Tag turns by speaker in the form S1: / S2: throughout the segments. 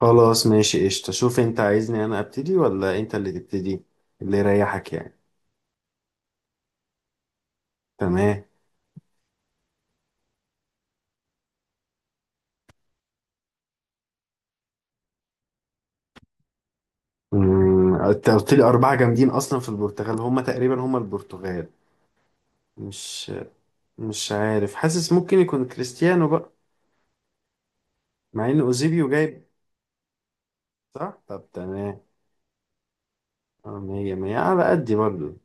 S1: خلاص، ماشي، قشطة. شوف انت عايزني انا ابتدي ولا انت اللي تبتدي، اللي يريحك يعني. تمام. انت قلت لي اربعة جامدين اصلا في البرتغال، هما تقريبا هما البرتغال. مش مش عارف، حاسس ممكن يكون كريستيانو بقى. مع ان اوزيبيو جايب. صح، طب تمام. اه مية مية، على قدي برضو.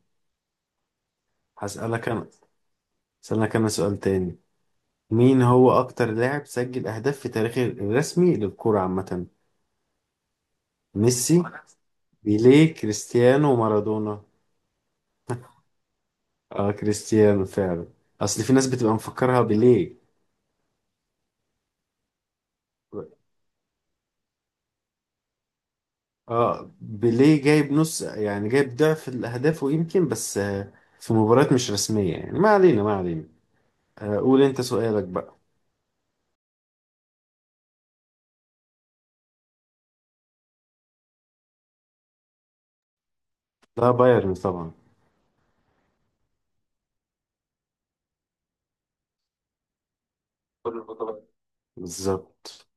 S1: هسألك انا هسألك انا سؤال تاني. مين هو اكتر لاعب سجل اهداف في تاريخه الرسمي للكرة عامة؟ ميسي، بيليه، كريستيانو، مارادونا؟ اه كريستيانو فعلا. اصل في ناس بتبقى مفكرها بيليه. اه بيليه جايب نص، يعني جايب ضعف الاهداف ويمكن بس، في مباريات مش رسمية، يعني ما علينا ما علينا. قول انت سؤالك بقى. لا بايرن طبعا. بالظبط.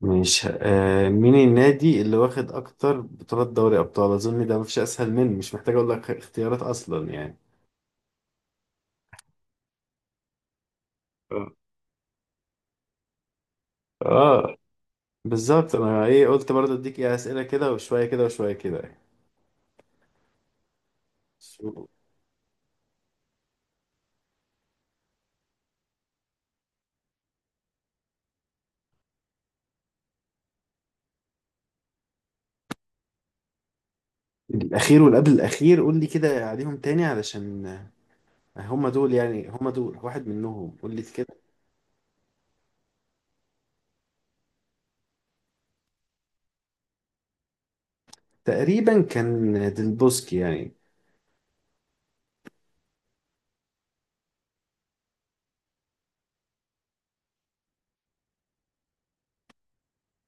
S1: ماشي، مين النادي اللي واخد اكتر بطولات دوري ابطال؟ اظن ده مفيش اسهل منه، مش محتاج اقول لك اختيارات اصلا يعني. اه. آه، بالظبط انا ايه؟ قلت برضه اديك ايه اسئله كده وشويه كده وشويه كده يعني. الأخير والقبل الأخير، قول لي كده عليهم تاني علشان هم دول، واحد منهم، قول لي كده. تقريبا كان ديلبوسكي يعني.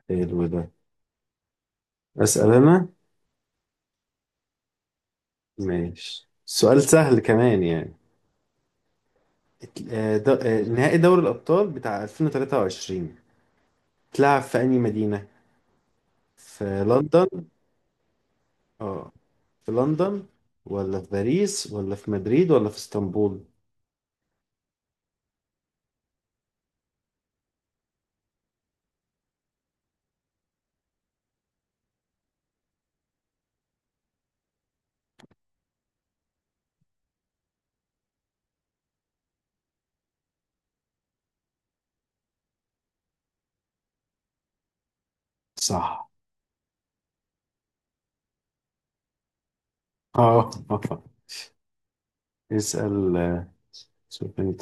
S1: حلو ده. أسأل أنا. ماشي، سؤال سهل كمان يعني. نهائي دوري الأبطال بتاع 2023 اتلعب في أي مدينة؟ في لندن اه في لندن ولا في باريس ولا في مدريد ولا في اسطنبول؟ صح. اه. اسأل. شوف انت.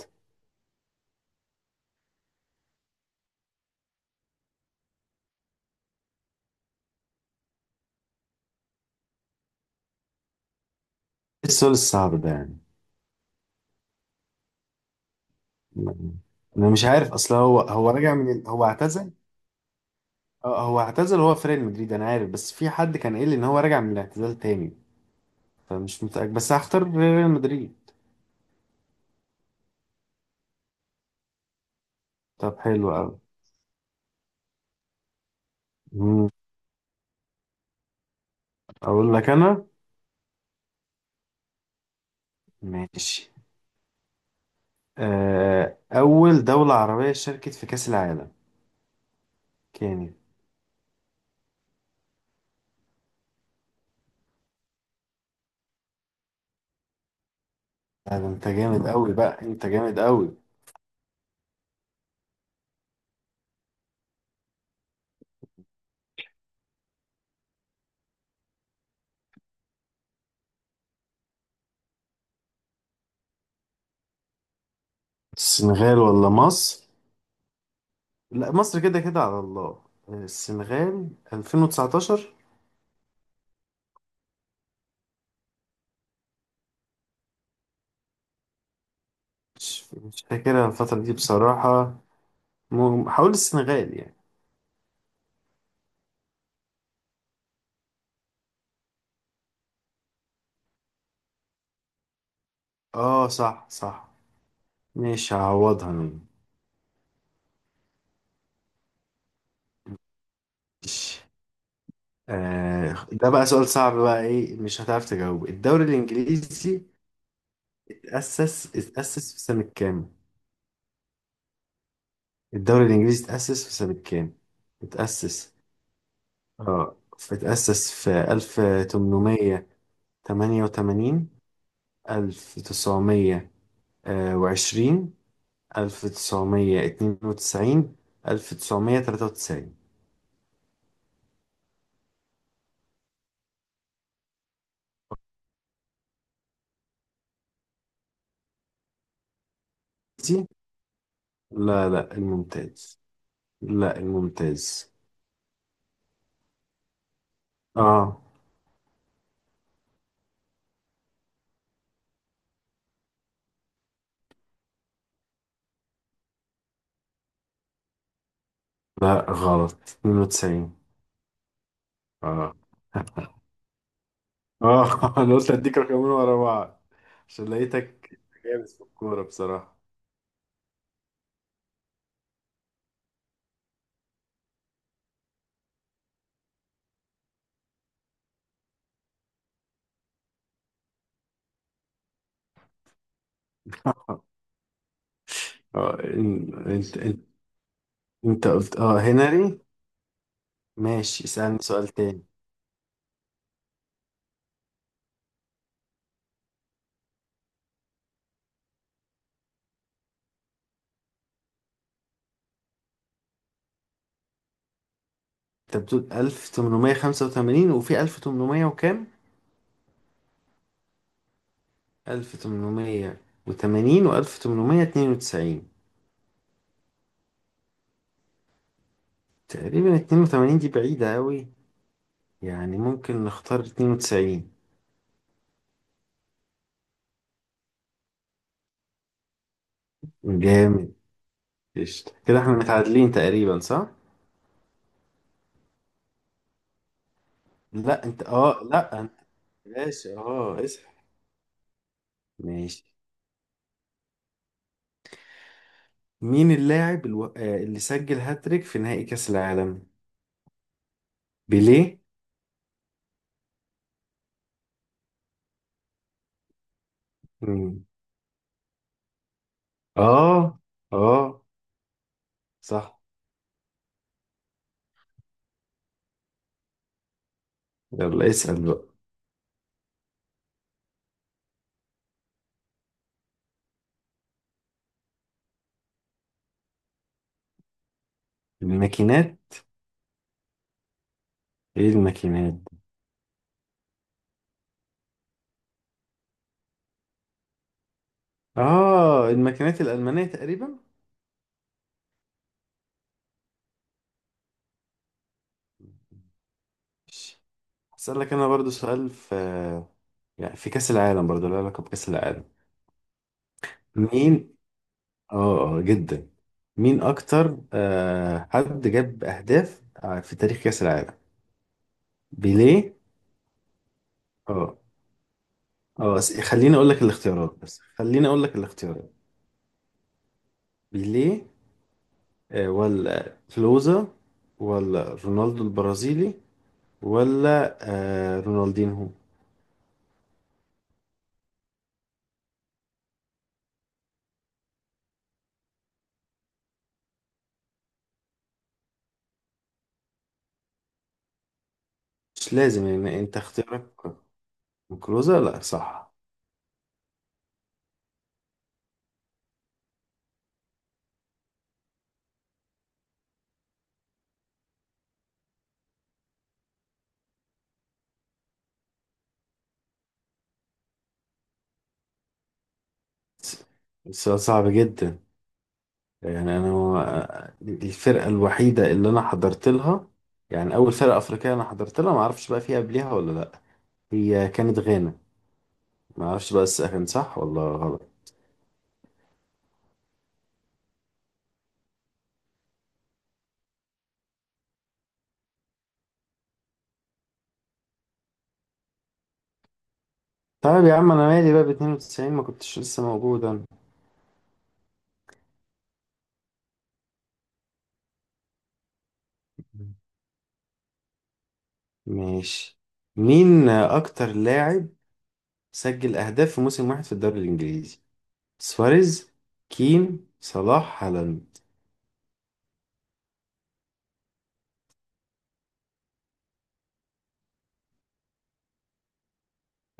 S1: السؤال الصعب ده يعني. م- انا مش عارف، اصل هو راجع من هو اعتزل. اه، هو اعتزل، هو في ريال مدريد انا عارف، بس في حد كان قايل لي ان هو راجع من الاعتزال تاني، فمش متأكد بس هختار ريال مدريد. طب حلو قوي. مم. اقول لك انا. ماشي. اول دولة عربية شاركت في كأس العالم كانت. ده انت جامد قوي بقى، انت جامد قوي. السنغال ولا مصر. لا مصر كده كده على الله. السنغال 2019. مش فاكرها الفترة دي بصراحة. حاول السنغال يعني. اه صح، صح. مش هعوضها. مش. ده بقى سؤال صعب بقى، ايه مش هتعرف تجاوب؟ الدوري الانجليزي اتأسس في سنة كام؟ الدوري الانجليزي اتأسس في سنة كام؟ اتأسس. اه، اتأسس في 1888، 1920، ألف تسعمية اتنين وتسعين، ألف تسعمية تلاتة وتسعين. دي. لا لا، الممتاز، لا الممتاز. اه لا غلط، 92. اه، اه. انا قلت اديك رقمين ورا بعض عشان لقيتك جامد في الكورة بصراحة. اه، انت. انت قلت هنري. ماشي، اسألني سؤال تاني. انت بتقول 1885 وفي 1800 وكام؟ 1880 و1892. تقريبا 82 دي بعيدة أوي، يعني ممكن نختار 92. جامد. قشطة، كده احنا متعادلين تقريبا، صح؟ لا انت. ماشي، اسحب. ماشي. مين اللاعب الو... آه، اللي سجل هاتريك في نهائي كأس العالم؟ بيليه؟ مم. اه اه، صح. يلا اسأل بقى. الماكينات. ايه الماكينات؟ اه الماكينات الألمانية تقريبا؟ ماشي. هسألك انا برضو سؤال يعني في كأس العالم، برضه له علاقة بكأس العالم. مين. اه، جدا. مين أكتر حد جاب أهداف في تاريخ كأس العالم؟ بيليه. اه، اه. خليني أقول لك الاختيارات، بس خليني أقول لك الاختيارات. بيليه ولا كلوزا ولا رونالدو البرازيلي ولا رونالدينهو؟ مش لازم، يعني أنت اختيارك. كلوزا. لا صح. س- سؤال صعب جدا. يعني انا دي الفرقه الوحيده اللي انا حضرت لها، يعني اول فرقه افريقيه انا حضرت لها. ما اعرفش بقى فيها قبلها ولا لا. هي كانت غانا. ما اعرفش بقى كان صح ولا غلط. طيب يا عم انا مالي بقى، ب 92 ما كنتش لسه موجود انا. ماشي. مين اكتر لاعب سجل اهداف في موسم واحد في الدوري الانجليزي؟ سواريز، كين، صلاح، هالاند؟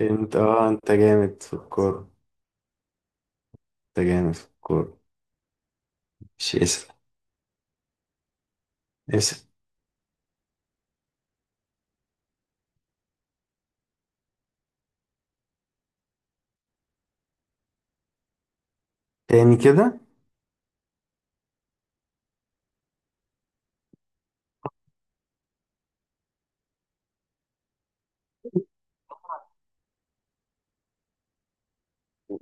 S1: انت، انت جامد في الكوره. انت جامد في الكوره. مش اسال. اسال تاني كده.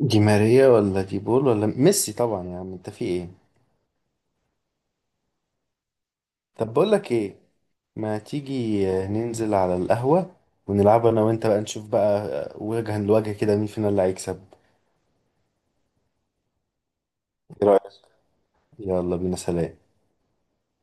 S1: دي ماريا ولا دي بول ولا ميسي طبعا، يا عم انت في ايه؟ طب بقول لك ايه، ما تيجي ننزل على القهوة ونلعب انا وانت، بقى نشوف بقى وجها لوجه كده مين فينا اللي هيكسب. ايه رأيك؟ يلا بينا، سلام.